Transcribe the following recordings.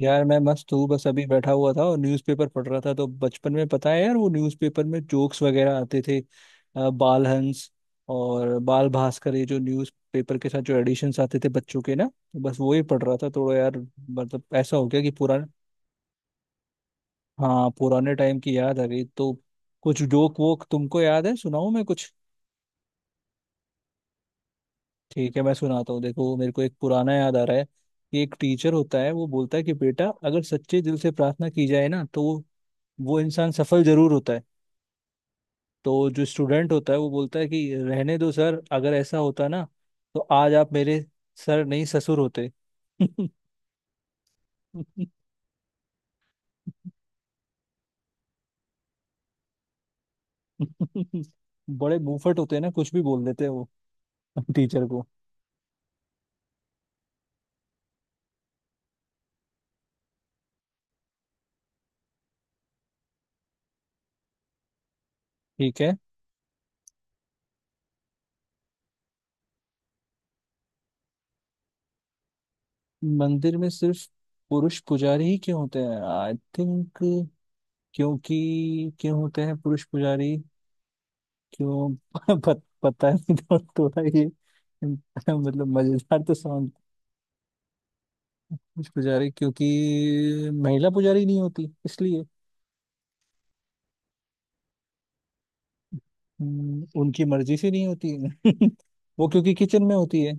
यार मैं मस्त हूँ। बस अभी बैठा हुआ था और न्यूज़पेपर पढ़ रहा था। तो बचपन में पता है यार वो न्यूज़पेपर में जोक्स वगैरह आते थे बाल हंस और बाल भास्कर, ये जो न्यूज़पेपर के साथ जो एडिशंस आते थे बच्चों के ना, तो बस वो ही पढ़ रहा था थोड़ा यार। मतलब ऐसा हो गया कि पुराना। हाँ, पुराने टाइम की याद आ गई। तो कुछ जोक वोक तुमको याद है, सुनाऊँ मैं कुछ? ठीक है, मैं सुनाता हूँ। देखो, मेरे को एक पुराना याद आ रहा है कि एक टीचर होता है वो बोलता है कि बेटा, अगर सच्चे दिल से प्रार्थना की जाए ना तो वो इंसान सफल जरूर होता है। तो जो स्टूडेंट होता है वो बोलता है कि रहने दो सर, अगर ऐसा होता ना तो आज आप मेरे सर नहीं ससुर होते। बड़े मुंहफट होते हैं ना, कुछ भी बोल देते हैं वो टीचर को। ठीक है। मंदिर में सिर्फ पुरुष पुजारी ही क्यों होते हैं? आई थिंक क्योंकि क्यों होते हैं पुरुष पुजारी? क्यों? पता नहीं, थोड़ा ये मतलब मजेदार तो साउंड। पुरुष पुजारी क्योंकि महिला पुजारी नहीं होती, इसलिए। उनकी मर्जी से नहीं होती है। वो क्योंकि किचन में होती है।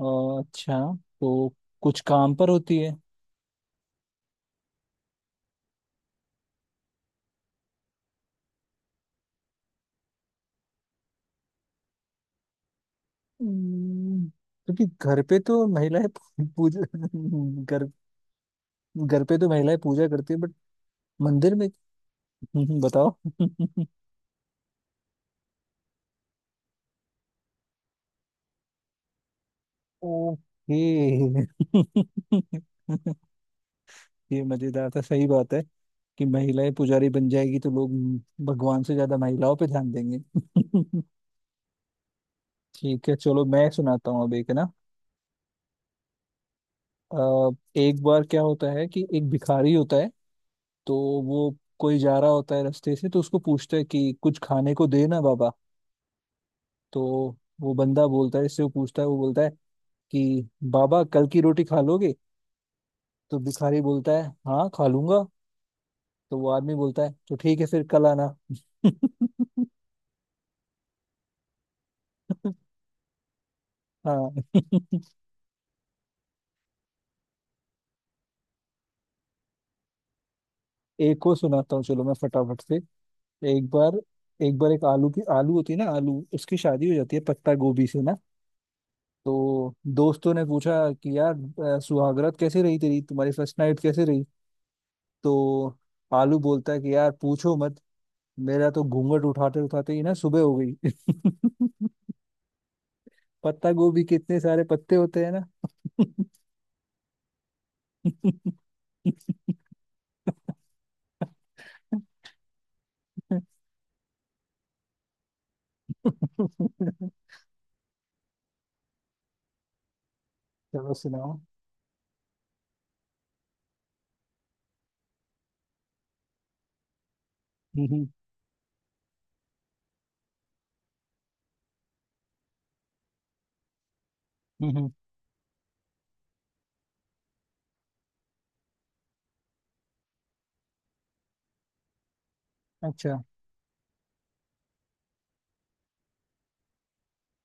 और अच्छा। तो कुछ काम पर होती है। हम्म, क्योंकि घर पे तो महिलाएं पूजा घर। घर पे तो महिलाएं पूजा करती है बट मंदिर में। बताओ। ओके। ये मजेदार था, सही बात है कि महिलाएं पुजारी बन जाएगी तो लोग भगवान से ज्यादा महिलाओं पे ध्यान देंगे। ठीक है, चलो मैं सुनाता हूँ अब एक है ना। अ, एक बार क्या होता है कि एक भिखारी होता है। तो वो, कोई जा रहा होता है रास्ते से तो उसको पूछता है कि कुछ खाने को दे ना बाबा। तो वो बंदा बोलता है इससे, वो पूछता है वो बोलता है कि बाबा कल की रोटी खा लोगे? तो भिखारी बोलता है हाँ खा लूंगा। तो वो आदमी बोलता है तो ठीक है फिर कल आना। हाँ। एक को सुनाता हूँ, चलो मैं फटाफट से। एक बार एक बार एक आलू की, आलू होती है ना, आलू उसकी शादी हो जाती है पत्ता गोभी से ना। तो दोस्तों ने पूछा कि यार, सुहागरात कैसे रही तेरी, तुम्हारी फर्स्ट नाइट कैसे रही? तो आलू बोलता है कि यार पूछो मत, मेरा तो घूंघट उठाते उठाते ही ना सुबह हो गई। पत्ता गोभी के इतने सारे पत्ते होते हैं ना। चलो सुनाओ। हम्म। हम्म। अच्छा।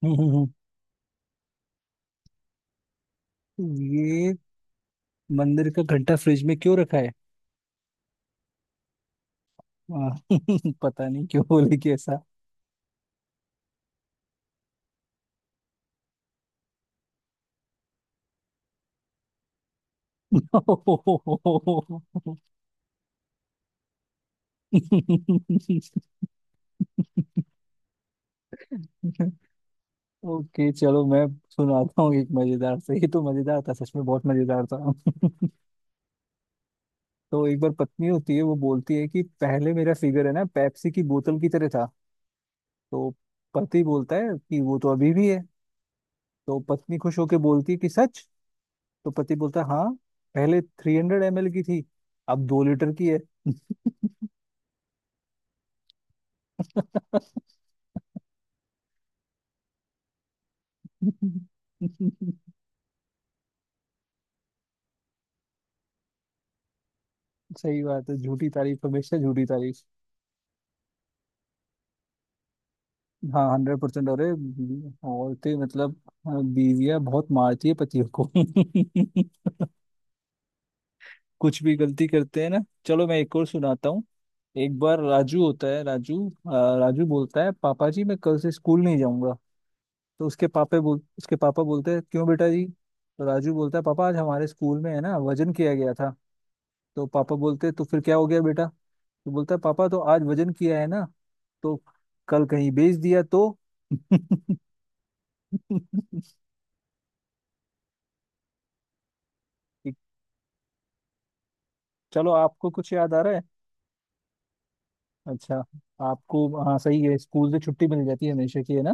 हम्म। हम्म। हम्म। ये मंदिर का घंटा फ्रिज में क्यों रखा है? हाँ, पता नहीं क्यों बोले कि ऐसा। ओके, चलो मैं सुनाता हूँ एक मजेदार से। ये तो मजेदार था, सच में बहुत मजेदार था। तो एक बार पत्नी होती है वो बोलती है कि पहले मेरा फिगर है ना पेप्सी की बोतल की तरह था। तो पति बोलता है कि वो तो अभी भी है। तो पत्नी खुश होकर बोलती है कि सच? तो पति बोलता है हाँ, पहले 300 ml की थी, अब 2 लीटर की है। सही बात है, झूठी तारीफ, हमेशा झूठी तारीफ। हाँ, 100%। अरे औरतें मतलब, बीवियां बहुत मारती है पतियों को। कुछ भी गलती करते हैं ना। चलो मैं एक और सुनाता हूँ। एक बार राजू होता है, राजू राजू बोलता है पापा जी मैं कल से स्कूल नहीं जाऊंगा। तो उसके पापा बोलते हैं क्यों बेटा जी? तो राजू बोलता है पापा आज हमारे स्कूल में है ना वजन किया गया था। तो पापा बोलते हैं, तो फिर क्या हो गया बेटा? तो बोलता है पापा तो आज वजन किया है ना, तो कल कहीं बेच दिया तो। ठीक, चलो आपको कुछ याद आ रहा है? अच्छा आपको, हाँ सही है, स्कूल से छुट्टी मिल जाती है हमेशा की, है ना?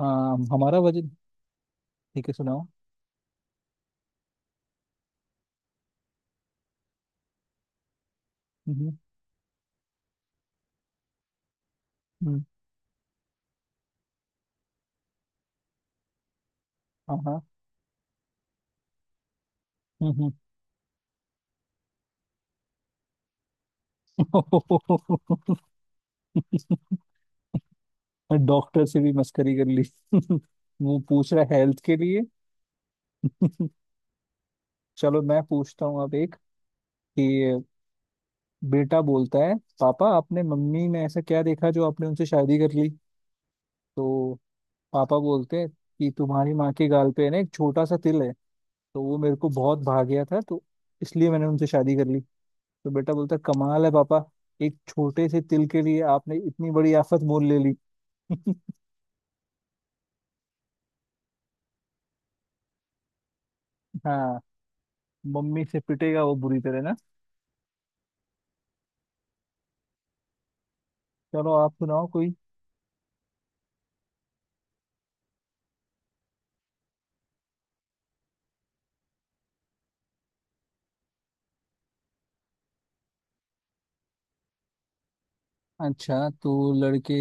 हाँ, हमारा वजन। ठीक है, सुनाओ। हम्म। हम्म, हाँ हाँ। हम्म। हम्म। डॉक्टर से भी मस्करी कर ली। वो पूछ रहा है हेल्थ के लिए। चलो मैं पूछता हूँ अब एक कि बेटा बोलता है पापा, आपने मम्मी में ऐसा क्या देखा जो आपने उनसे शादी कर ली? तो पापा बोलते हैं कि तुम्हारी माँ के गाल पे है ना एक छोटा सा तिल है, तो वो मेरे को बहुत भा गया था, तो इसलिए मैंने उनसे शादी कर ली। तो बेटा बोलता कमाल है पापा, एक छोटे से तिल के लिए आपने इतनी बड़ी आफत मोल ले ली। हाँ, मम्मी से पिटेगा वो बुरी तरह ना। चलो आप सुनाओ कोई। अच्छा तो लड़के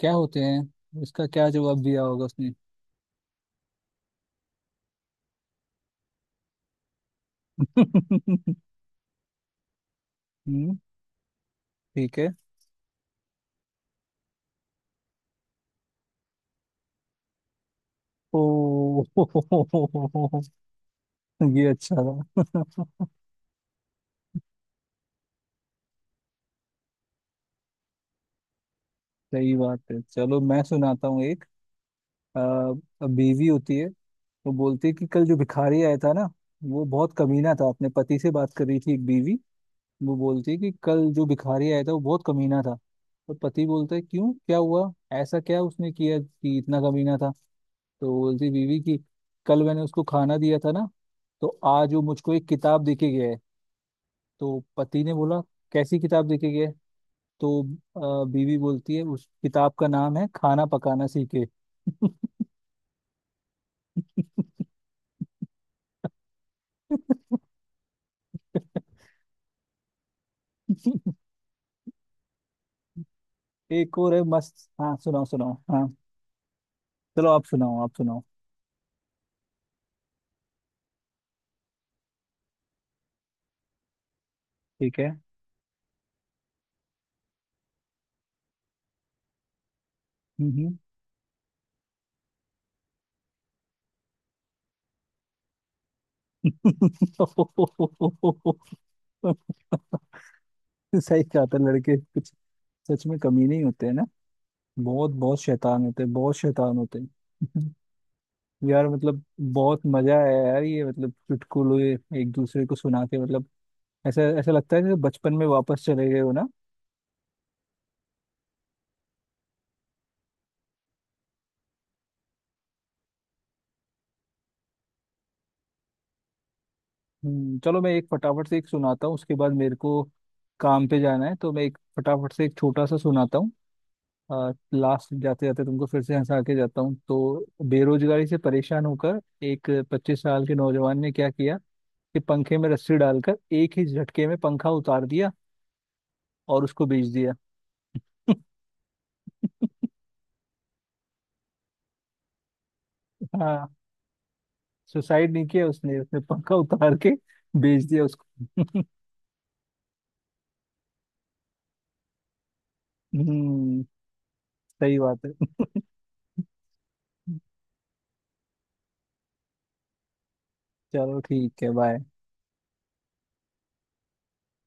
क्या होते हैं, इसका क्या जवाब दिया होगा उसने? हम्म। ठीक है। ओ ये अच्छा था। सही बात है, चलो मैं सुनाता हूँ एक। बीवी होती है तो बोलती है कि कल जो भिखारी आया था ना वो बहुत कमीना था, अपने पति से बात कर रही थी एक बीवी। वो बोलती है कि कल जो भिखारी आया था वो बहुत कमीना था। तो पति बोलता है क्यों, क्या हुआ? ऐसा क्या उसने किया कि इतना कमीना था? तो बोलती बीवी कि कल मैंने उसको खाना दिया था ना, तो आज वो मुझको एक किताब देके गया है। तो पति ने बोला कैसी किताब देके गया है? तो बीवी बोलती है उस किताब का नाम है खाना पकाना सीखे। एक और है मस्त, हाँ सुनाओ सुनाओ। हाँ चलो आप सुनाओ आप सुनाओ। ठीक है। हम्म। हम्म। सही कहा था, लड़के कुछ सच में कमी नहीं होते हैं ना, बहुत बहुत शैतान होते हैं, बहुत शैतान होते हैं। यार मतलब बहुत मजा आया यार, ये मतलब चुटकुले एक दूसरे को सुना के, मतलब ऐसा ऐसा लगता है जैसे बचपन में वापस चले गए हो ना। चलो मैं एक फटाफट से एक सुनाता हूँ, उसके बाद मेरे को काम पे जाना है, तो मैं एक फटाफट से एक छोटा सा सुनाता हूँ। लास्ट जाते जाते तुमको फिर से हंसा के जाता हूँ। तो बेरोजगारी से परेशान होकर एक 25 साल के नौजवान ने क्या किया कि पंखे में रस्सी डालकर एक ही झटके में पंखा उतार दिया और उसको बेच दिया। हाँ। सुसाइड नहीं किया उसने, उसने पंखा उतार के बेच दिया उसको। हम्म सही बात है। चलो ठीक है, बाय।